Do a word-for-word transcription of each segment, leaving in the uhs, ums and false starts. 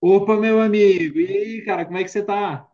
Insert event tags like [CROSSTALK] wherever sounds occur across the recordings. Opa, meu amigo! E aí, cara, como é que você tá?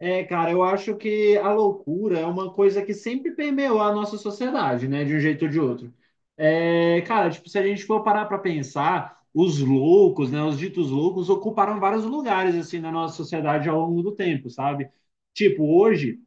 É, cara, eu acho que a loucura é uma coisa que sempre permeou a nossa sociedade, né? De um jeito ou de outro. É, cara, tipo, se a gente for parar pra pensar, os loucos, né? Os ditos loucos ocuparam vários lugares, assim, na nossa sociedade ao longo do tempo, sabe? Tipo, hoje.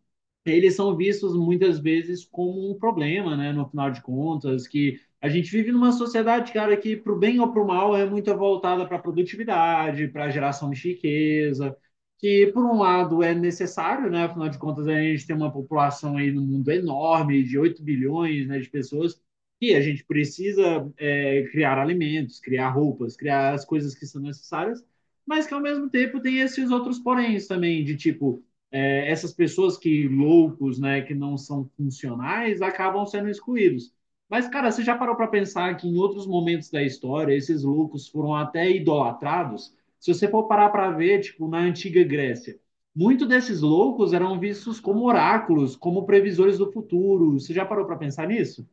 Eles são vistos muitas vezes como um problema, né? No final de contas, que a gente vive numa sociedade, cara, que para o bem ou para o mal é muito voltada para a produtividade, para a geração de riqueza, que por um lado é necessário, né? Afinal de contas, a gente tem uma população aí no mundo enorme, de oito bilhões, né, de pessoas, e a gente precisa é, criar alimentos, criar roupas, criar as coisas que são necessárias, mas que ao mesmo tempo tem esses outros poréns também, de tipo é, essas pessoas que loucos, né, que não são funcionais, acabam sendo excluídos. Mas, cara, você já parou para pensar que em outros momentos da história esses loucos foram até idolatrados? Se você for parar para ver, tipo, na antiga Grécia, muitos desses loucos eram vistos como oráculos, como previsores do futuro. Você já parou para pensar nisso?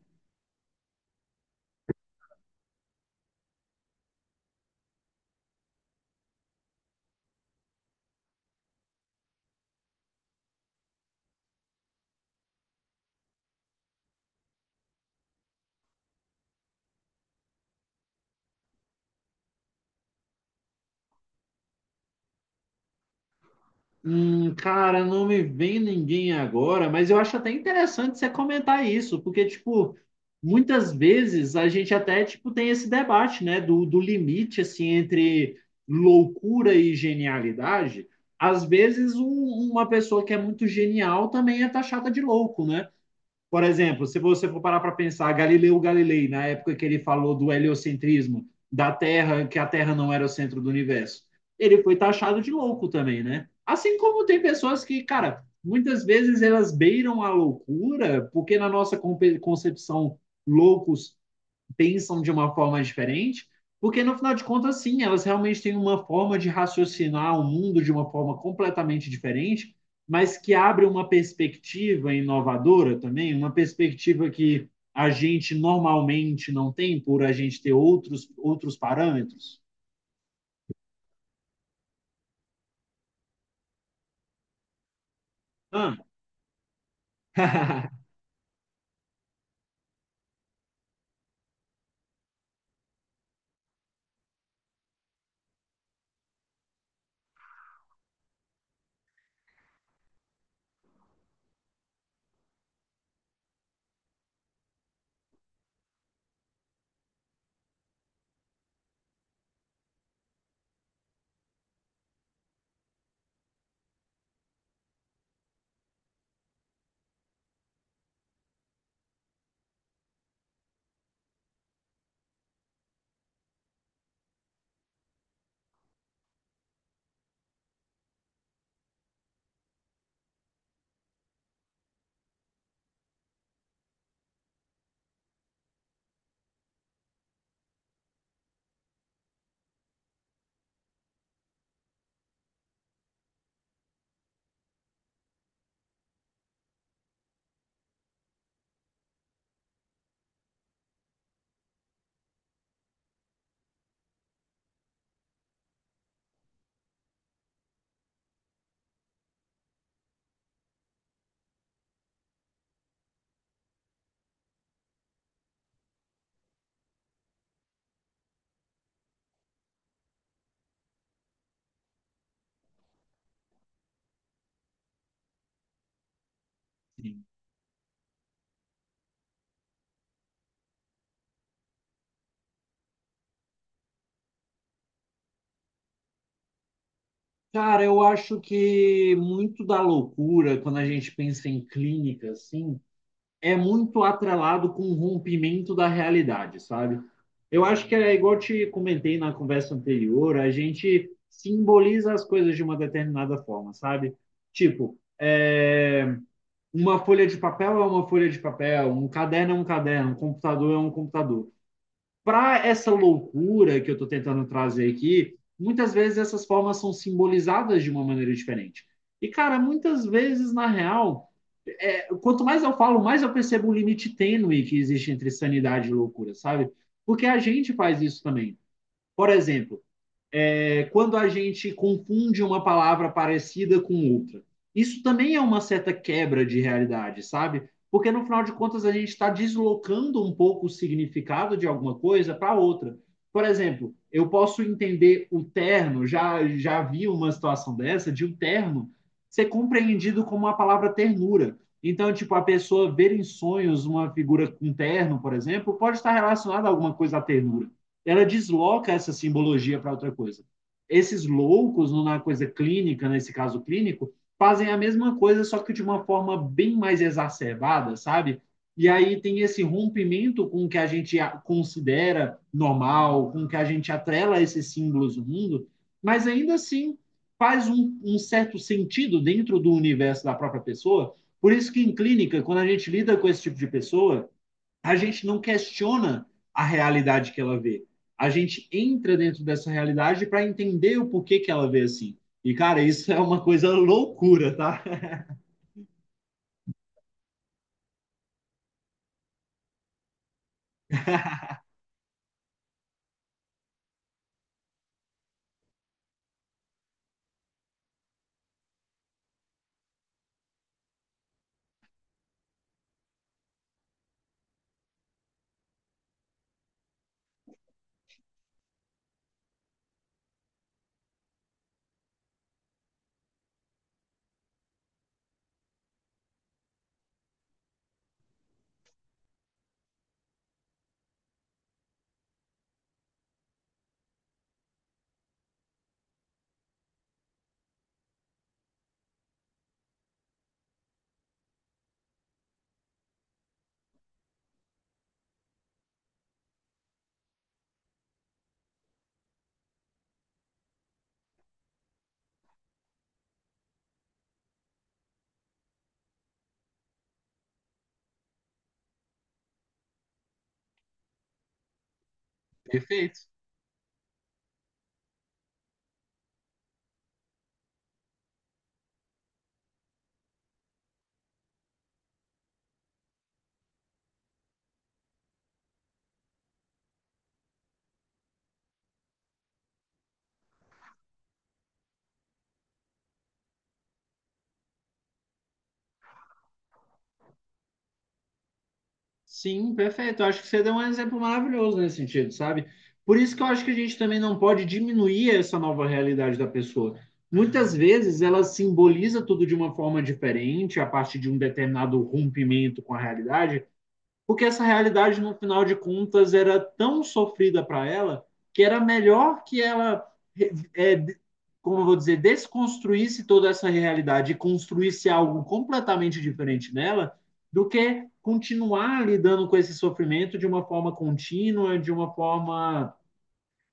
Hum, cara, não me vem ninguém agora, mas eu acho até interessante você comentar isso, porque, tipo, muitas vezes a gente até, tipo, tem esse debate, né, do, do limite, assim, entre loucura e genialidade. Às vezes, um- uma pessoa que é muito genial também é taxada de louco, né? Por exemplo, se você for parar para pensar, Galileu Galilei, na época que ele falou do heliocentrismo, da Terra, que a Terra não era o centro do universo, ele foi taxado de louco também, né? Assim como tem pessoas que, cara, muitas vezes elas beiram a loucura, porque na nossa concepção, loucos pensam de uma forma diferente, porque no final de contas, sim, elas realmente têm uma forma de raciocinar o mundo de uma forma completamente diferente, mas que abre uma perspectiva inovadora também, uma perspectiva que a gente normalmente não tem por a gente ter outros, outros parâmetros. Ah. [LAUGHS] Cara, eu acho que muito da loucura, quando a gente pensa em clínica, assim, é muito atrelado com o rompimento da realidade, sabe? Eu acho que é igual eu te comentei na conversa anterior, a gente simboliza as coisas de uma determinada forma, sabe? Tipo, é, uma folha de papel é uma folha de papel, um caderno é um caderno, um computador é um computador. Para essa loucura que eu estou tentando trazer aqui, muitas vezes essas formas são simbolizadas de uma maneira diferente. E, cara, muitas vezes, na real, quanto mais eu falo, mais eu percebo um limite tênue que existe entre sanidade e loucura, sabe? Porque a gente faz isso também. Por exemplo, é, quando a gente confunde uma palavra parecida com outra. Isso também é uma certa quebra de realidade, sabe? Porque no final de contas a gente está deslocando um pouco o significado de alguma coisa para outra. Por exemplo, eu posso entender o terno, já, já vi uma situação dessa, de um terno ser compreendido como a palavra ternura. Então, tipo, a pessoa ver em sonhos uma figura com um terno, por exemplo, pode estar relacionada a alguma coisa à ternura. Ela desloca essa simbologia para outra coisa esses loucos, na coisa clínica, nesse caso clínico, fazem a mesma coisa, só que de uma forma bem mais exacerbada, sabe? E aí tem esse rompimento com o que a gente considera normal, com o que a gente atrela esses símbolos do mundo, mas ainda assim faz um, um certo sentido dentro do universo da própria pessoa. Por isso que em clínica, quando a gente lida com esse tipo de pessoa, a gente não questiona a realidade que ela vê. A gente entra dentro dessa realidade para entender o porquê que ela vê assim. E, cara, isso é uma coisa loucura, tá? Perfeito. Sim, perfeito. Eu acho que você deu um exemplo maravilhoso nesse sentido, sabe? Por isso que eu acho que a gente também não pode diminuir essa nova realidade da pessoa. Muitas vezes ela simboliza tudo de uma forma diferente, a partir de um determinado rompimento com a realidade, porque essa realidade, no final de contas, era tão sofrida para ela que era melhor que ela, é, como eu vou dizer, desconstruísse toda essa realidade e construísse algo completamente diferente nela do que continuar lidando com esse sofrimento de uma forma contínua, de uma forma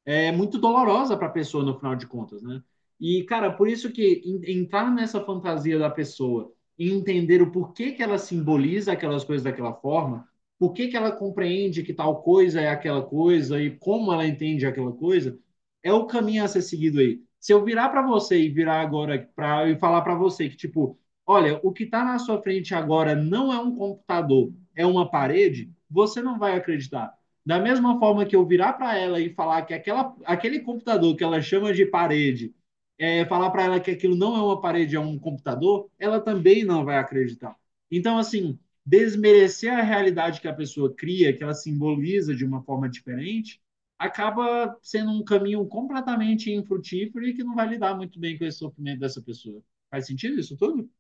é muito dolorosa para a pessoa no final de contas, né? E, cara, por isso que entrar nessa fantasia da pessoa e entender o porquê que ela simboliza aquelas coisas daquela forma, por que que ela compreende que tal coisa é aquela coisa e como ela entende aquela coisa, é o caminho a ser seguido aí. Se eu virar para você e virar agora pra, e falar para você que, tipo, olha, o que está na sua frente agora não é um computador, é uma parede, você não vai acreditar. Da mesma forma que eu virar para ela e falar que aquela, aquele computador que ela chama de parede, é, falar para ela que aquilo não é uma parede, é um computador, ela também não vai acreditar. Então, assim, desmerecer a realidade que a pessoa cria, que ela simboliza de uma forma diferente, acaba sendo um caminho completamente infrutífero e que não vai lidar muito bem com esse sofrimento dessa pessoa. Faz sentido isso tudo?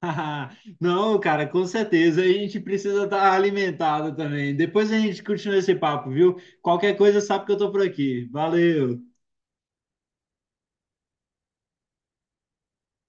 [LAUGHS] Não, cara, com certeza. A gente precisa estar alimentado também. Depois a gente continua esse papo, viu? Qualquer coisa, sabe que eu tô por aqui. Valeu!